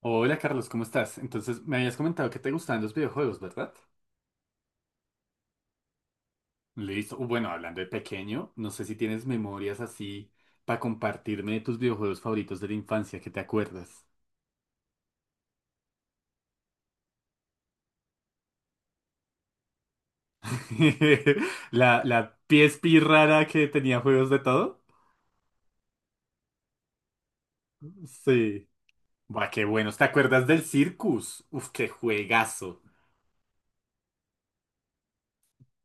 Hola Carlos, ¿cómo estás? Entonces, me habías comentado que te gustaban los videojuegos, ¿verdad? Listo. Bueno, hablando de pequeño, no sé si tienes memorias así para compartirme de tus videojuegos favoritos de la infancia, ¿que te acuerdas? La PSP rara que tenía juegos de todo. Sí. Buah, qué buenos. ¿Te acuerdas del Circus? Uf, qué juegazo.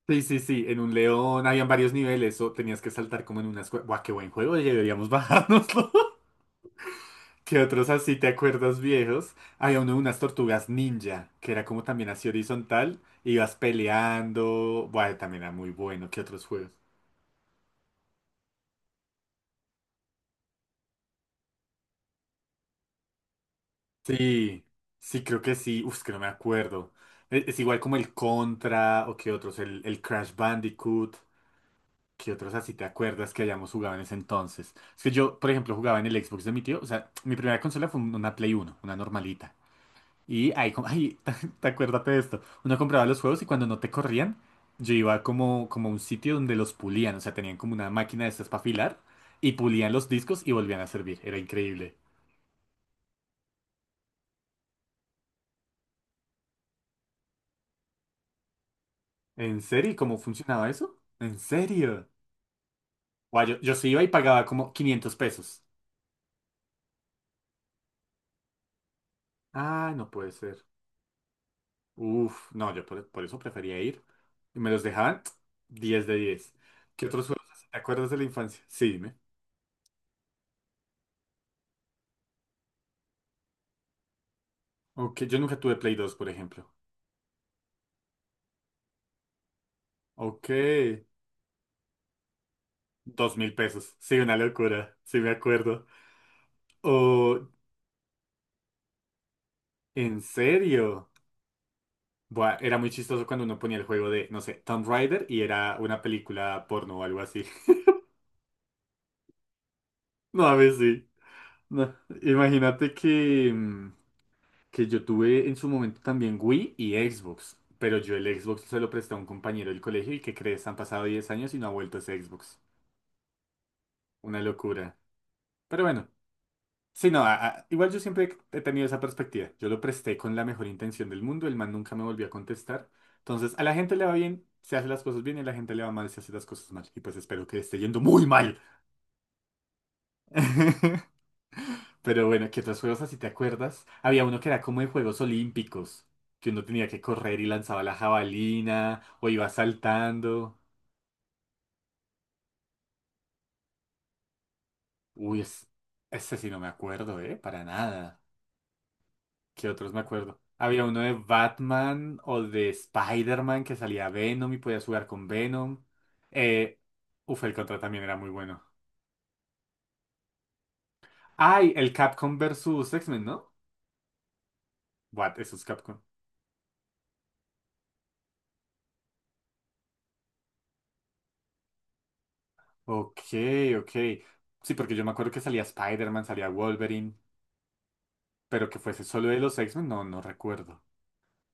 Sí, sí, sí. En un león habían varios niveles o tenías que saltar como en unas cue- buah, qué buen juego. Deberíamos bajárnoslo. ¿Que otros así te acuerdas viejos? Había uno de unas tortugas ninja, que era como también así horizontal, ibas peleando, bueno, también era muy bueno. ¿Qué otros juegos? Sí, sí, creo que sí, uf, es que no me acuerdo. Es, igual como el Contra, o qué otros, el Crash Bandicoot, qué otros así te acuerdas que hayamos jugado en ese entonces. Es que yo, por ejemplo, jugaba en el Xbox de mi tío, o sea, mi primera consola fue un- una Play uno, una normalita. Y ahí, com- ay, te acuérdate de esto. Uno compraba los juegos y cuando no te corrían, yo iba como, como a un sitio donde los pulían. O sea, tenían como una máquina de estas para afilar y pulían los discos y volvían a servir. Era increíble. ¿En serio? ¿Y cómo funcionaba eso? ¿En serio? Guau, yo sí iba y pagaba como 500 pesos. Ah, no puede ser. Uf, no, yo por eso prefería ir. Y me los dejaban 10 de 10. ¿Qué otros juegos así te acuerdas de la infancia? Sí, dime. Ok, yo nunca tuve Play dos por ejemplo. Ok. 2000 pesos. Sí, una locura. Sí, me acuerdo. O, ¿en serio? Buah, era muy chistoso cuando uno ponía el juego de, no sé, Tomb Raider y era una película porno o algo así. No, a ver, sí. No, imagínate que, que yo tuve en su momento también Wii y Xbox. Pero yo el Xbox se lo presté a un compañero del colegio y que crees, han pasado 10 años y no ha vuelto ese Xbox. Una locura. Pero bueno, sí, no, igual yo siempre he tenido esa perspectiva. Yo lo presté con la mejor intención del mundo, el man nunca me volvió a contestar. Entonces, a la gente le va bien, se hace las cosas bien, y a la gente le va mal, se hace las cosas mal. Y pues espero que le esté yendo muy mal. Pero bueno, ¿qué otros juegos así te acuerdas? Había uno que era como de Juegos Olímpicos, que uno tenía que correr y lanzaba la jabalina, o iba saltando. Uy, es... ese sí no me acuerdo, ¿eh? Para nada. ¿Qué otros me acuerdo? Había uno de Batman o de Spider-Man que salía Venom y podías jugar con Venom. Eh, uf, el Contra también era muy bueno. Ay, el Capcom versus X-Men, ¿no? What, eso es Capcom. Ok, ok. Sí, porque yo me acuerdo que salía Spider-Man, salía Wolverine, pero que fuese solo de los X-Men, no, no recuerdo.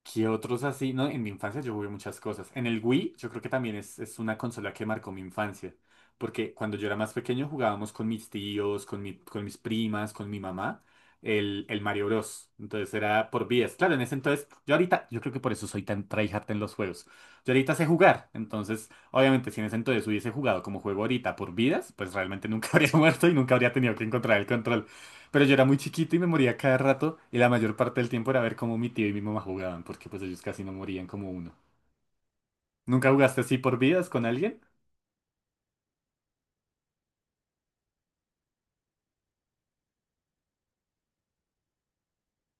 ¿Qué otros así? No, en mi infancia yo jugué muchas cosas. En el Wii, yo creo que también es una consola que marcó mi infancia. Porque cuando yo era más pequeño jugábamos con mis tíos, con mi, con mis primas, con mi mamá, el Mario Bros. Entonces era por vías. Claro, en ese entonces, yo ahorita, yo creo que por eso soy tan tryhard en los juegos. Yo ahorita sé jugar. Entonces, obviamente, si en ese entonces hubiese jugado como juego ahorita por vidas, pues realmente nunca habría muerto y nunca habría tenido que encontrar el control. Pero yo era muy chiquito y me moría cada rato y la mayor parte del tiempo era ver cómo mi tío y mi mamá jugaban, porque pues ellos casi no morían como uno. ¿Nunca jugaste así por vidas con alguien?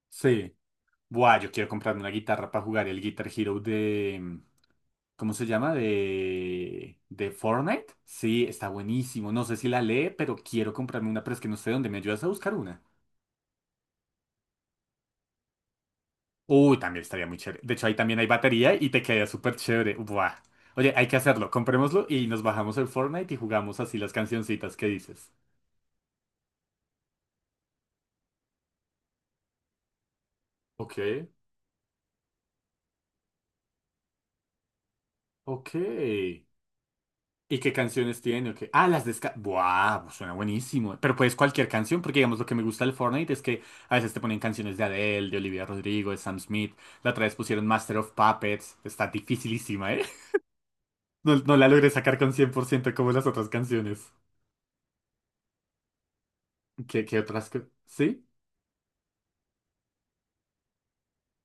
Sí. Buah, yo quiero comprarme una guitarra para jugar el Guitar Hero de... ¿Cómo se llama? ¿De Fortnite? Sí, está buenísimo. No sé si la lee, pero quiero comprarme una, pero es que no sé dónde. ¿Me ayudas a buscar una? Uy, también estaría muy chévere. De hecho, ahí también hay batería y te queda súper chévere. Buah. Oye, hay que hacerlo. Comprémoslo y nos bajamos el Fortnite y jugamos así las cancioncitas que dices. Ok, ok. ¿Y qué canciones tiene? Okay. Ah, las descargas. ¡Buah! Pues suena buenísimo. Pero puedes cualquier canción, porque digamos lo que me gusta del Fortnite es que a veces te ponen canciones de Adele, de Olivia Rodrigo, de Sam Smith. La otra vez pusieron Master of Puppets. Está dificilísima, ¿eh? No, no la logré sacar con 100% como las otras canciones. ¿Qué, qué otras? Que- ¿Sí?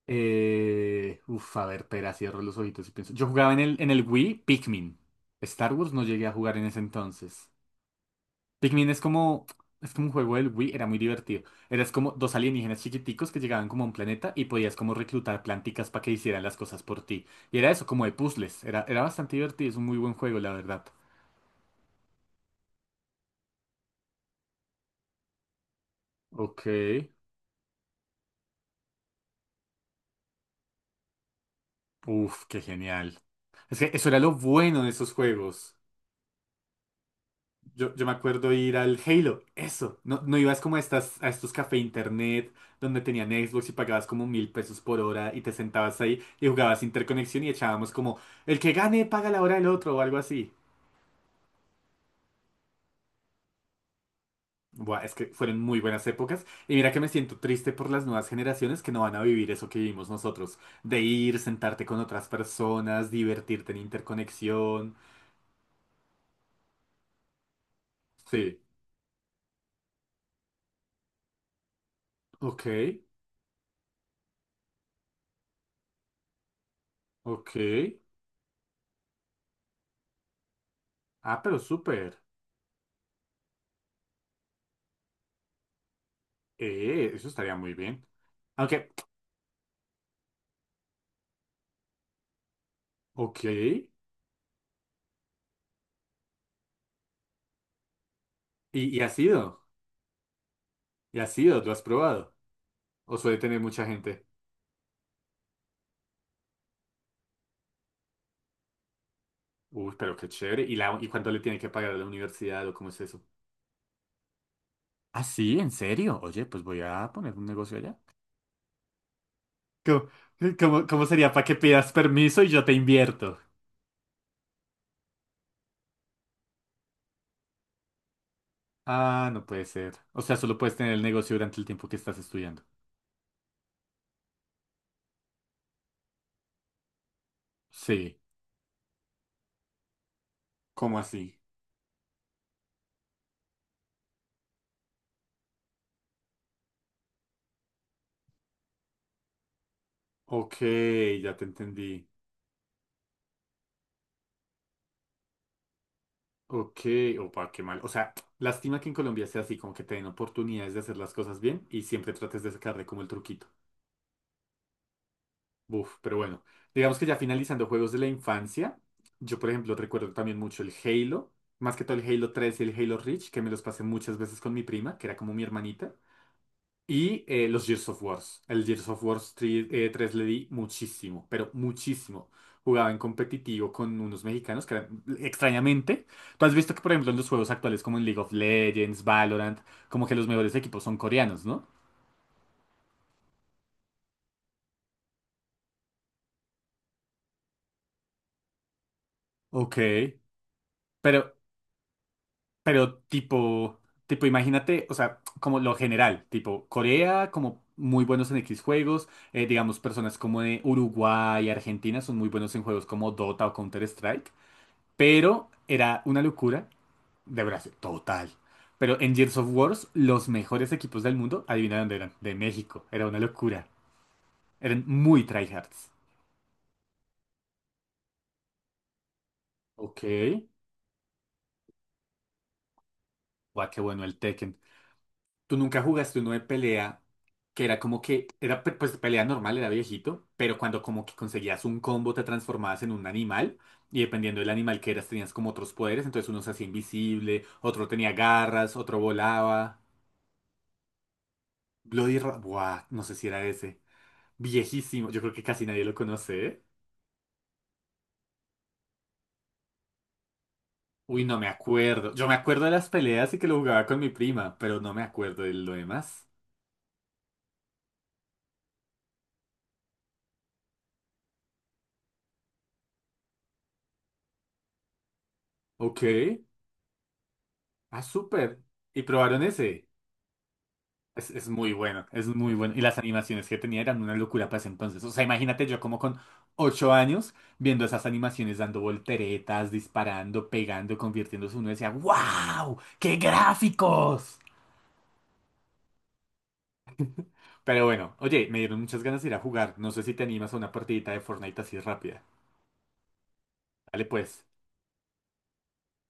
Uf, a ver, pera, cierro los ojitos y pienso. Yo jugaba en el Wii Pikmin. Star Wars no llegué a jugar en ese entonces. Pikmin es como un juego del Wii, era muy divertido. Eras como dos alienígenas chiquiticos que llegaban como a un planeta y podías como reclutar planticas para que hicieran las cosas por ti. Y era eso, como de puzzles. Era, era bastante divertido, es un muy buen juego, la verdad. Ok. Uf, qué genial. Es que eso era lo bueno de esos juegos. Yo me acuerdo ir al Halo, eso. No, no ibas como a, estas, a estos café internet donde tenían Xbox y pagabas como mil pesos por hora y te sentabas ahí y jugabas interconexión y echábamos como el que gane paga la hora del otro o algo así. Buah, es que fueron muy buenas épocas y mira que me siento triste por las nuevas generaciones que no van a vivir eso que vivimos nosotros, de ir, sentarte con otras personas, divertirte en interconexión. Sí, ok, ok. Ah, pero súper. Eso estaría muy bien. Aunque ok. Y has ido? ¿Y has ido? ¿Lo has probado? ¿O suele tener mucha gente? Uy, pero qué chévere. ¿Y, la, y cuánto le tienen que pagar a la universidad o cómo es eso? Ah, sí, ¿en serio? Oye, pues voy a poner un negocio allá. ¿Cómo, cómo sería para que pidas permiso y yo te invierto? Ah, no puede ser. O sea, solo puedes tener el negocio durante el tiempo que estás estudiando. Sí. ¿Cómo así? Ok, ya te entendí. Ok, opa, qué mal. O sea, lástima que en Colombia sea así, como que te den oportunidades de hacer las cosas bien y siempre trates de sacarle como el truquito. Buf, pero bueno. Digamos que ya finalizando juegos de la infancia, yo por ejemplo recuerdo también mucho el Halo, más que todo el Halo 3 y el Halo Reach, que me los pasé muchas veces con mi prima, que era como mi hermanita. Y los Gears of Wars. El Gears of Wars 3 3 le di muchísimo, pero muchísimo. Jugaba en competitivo con unos mexicanos que eran- extrañamente. Tú has visto que, por ejemplo, en los juegos actuales como en League of Legends, Valorant, como que los mejores equipos son coreanos, ¿no? Ok. Pero, pero tipo, tipo, imagínate, o sea, como lo general, tipo Corea, como muy buenos en X juegos, digamos, personas como de Uruguay, Argentina son muy buenos en juegos como Dota o Counter-Strike. Pero era una locura, de verdad, total. Pero en Gears of Wars, los mejores equipos del mundo, adivina dónde eran, de México. Era una locura. Eran muy tryhards. Ok. Guau, qué bueno el Tekken. ¿Tú nunca jugaste uno de pelea que era como que, era pe- pues pelea normal, era viejito, pero cuando como que conseguías un combo te transformabas en un animal y dependiendo del animal que eras tenías como otros poderes, entonces uno se hacía invisible, otro tenía garras, otro volaba. Bloody Ra... buah, no sé si era ese. Viejísimo, yo creo que casi nadie lo conoce, ¿eh? Uy, no me acuerdo. Yo me acuerdo de las peleas y que lo jugaba con mi prima, pero no me acuerdo de lo demás. Ok. Ah, súper. ¿Y probaron ese? Es muy bueno, es muy bueno. Y las animaciones que tenía eran una locura para ese entonces. O sea, imagínate yo como con 8 años viendo esas animaciones dando volteretas, disparando, pegando, convirtiéndose. Uno decía, ¡Wow! ¡Qué gráficos! Pero bueno, oye, me dieron muchas ganas de ir a jugar. No sé si te animas a una partidita de Fortnite así rápida. Dale pues.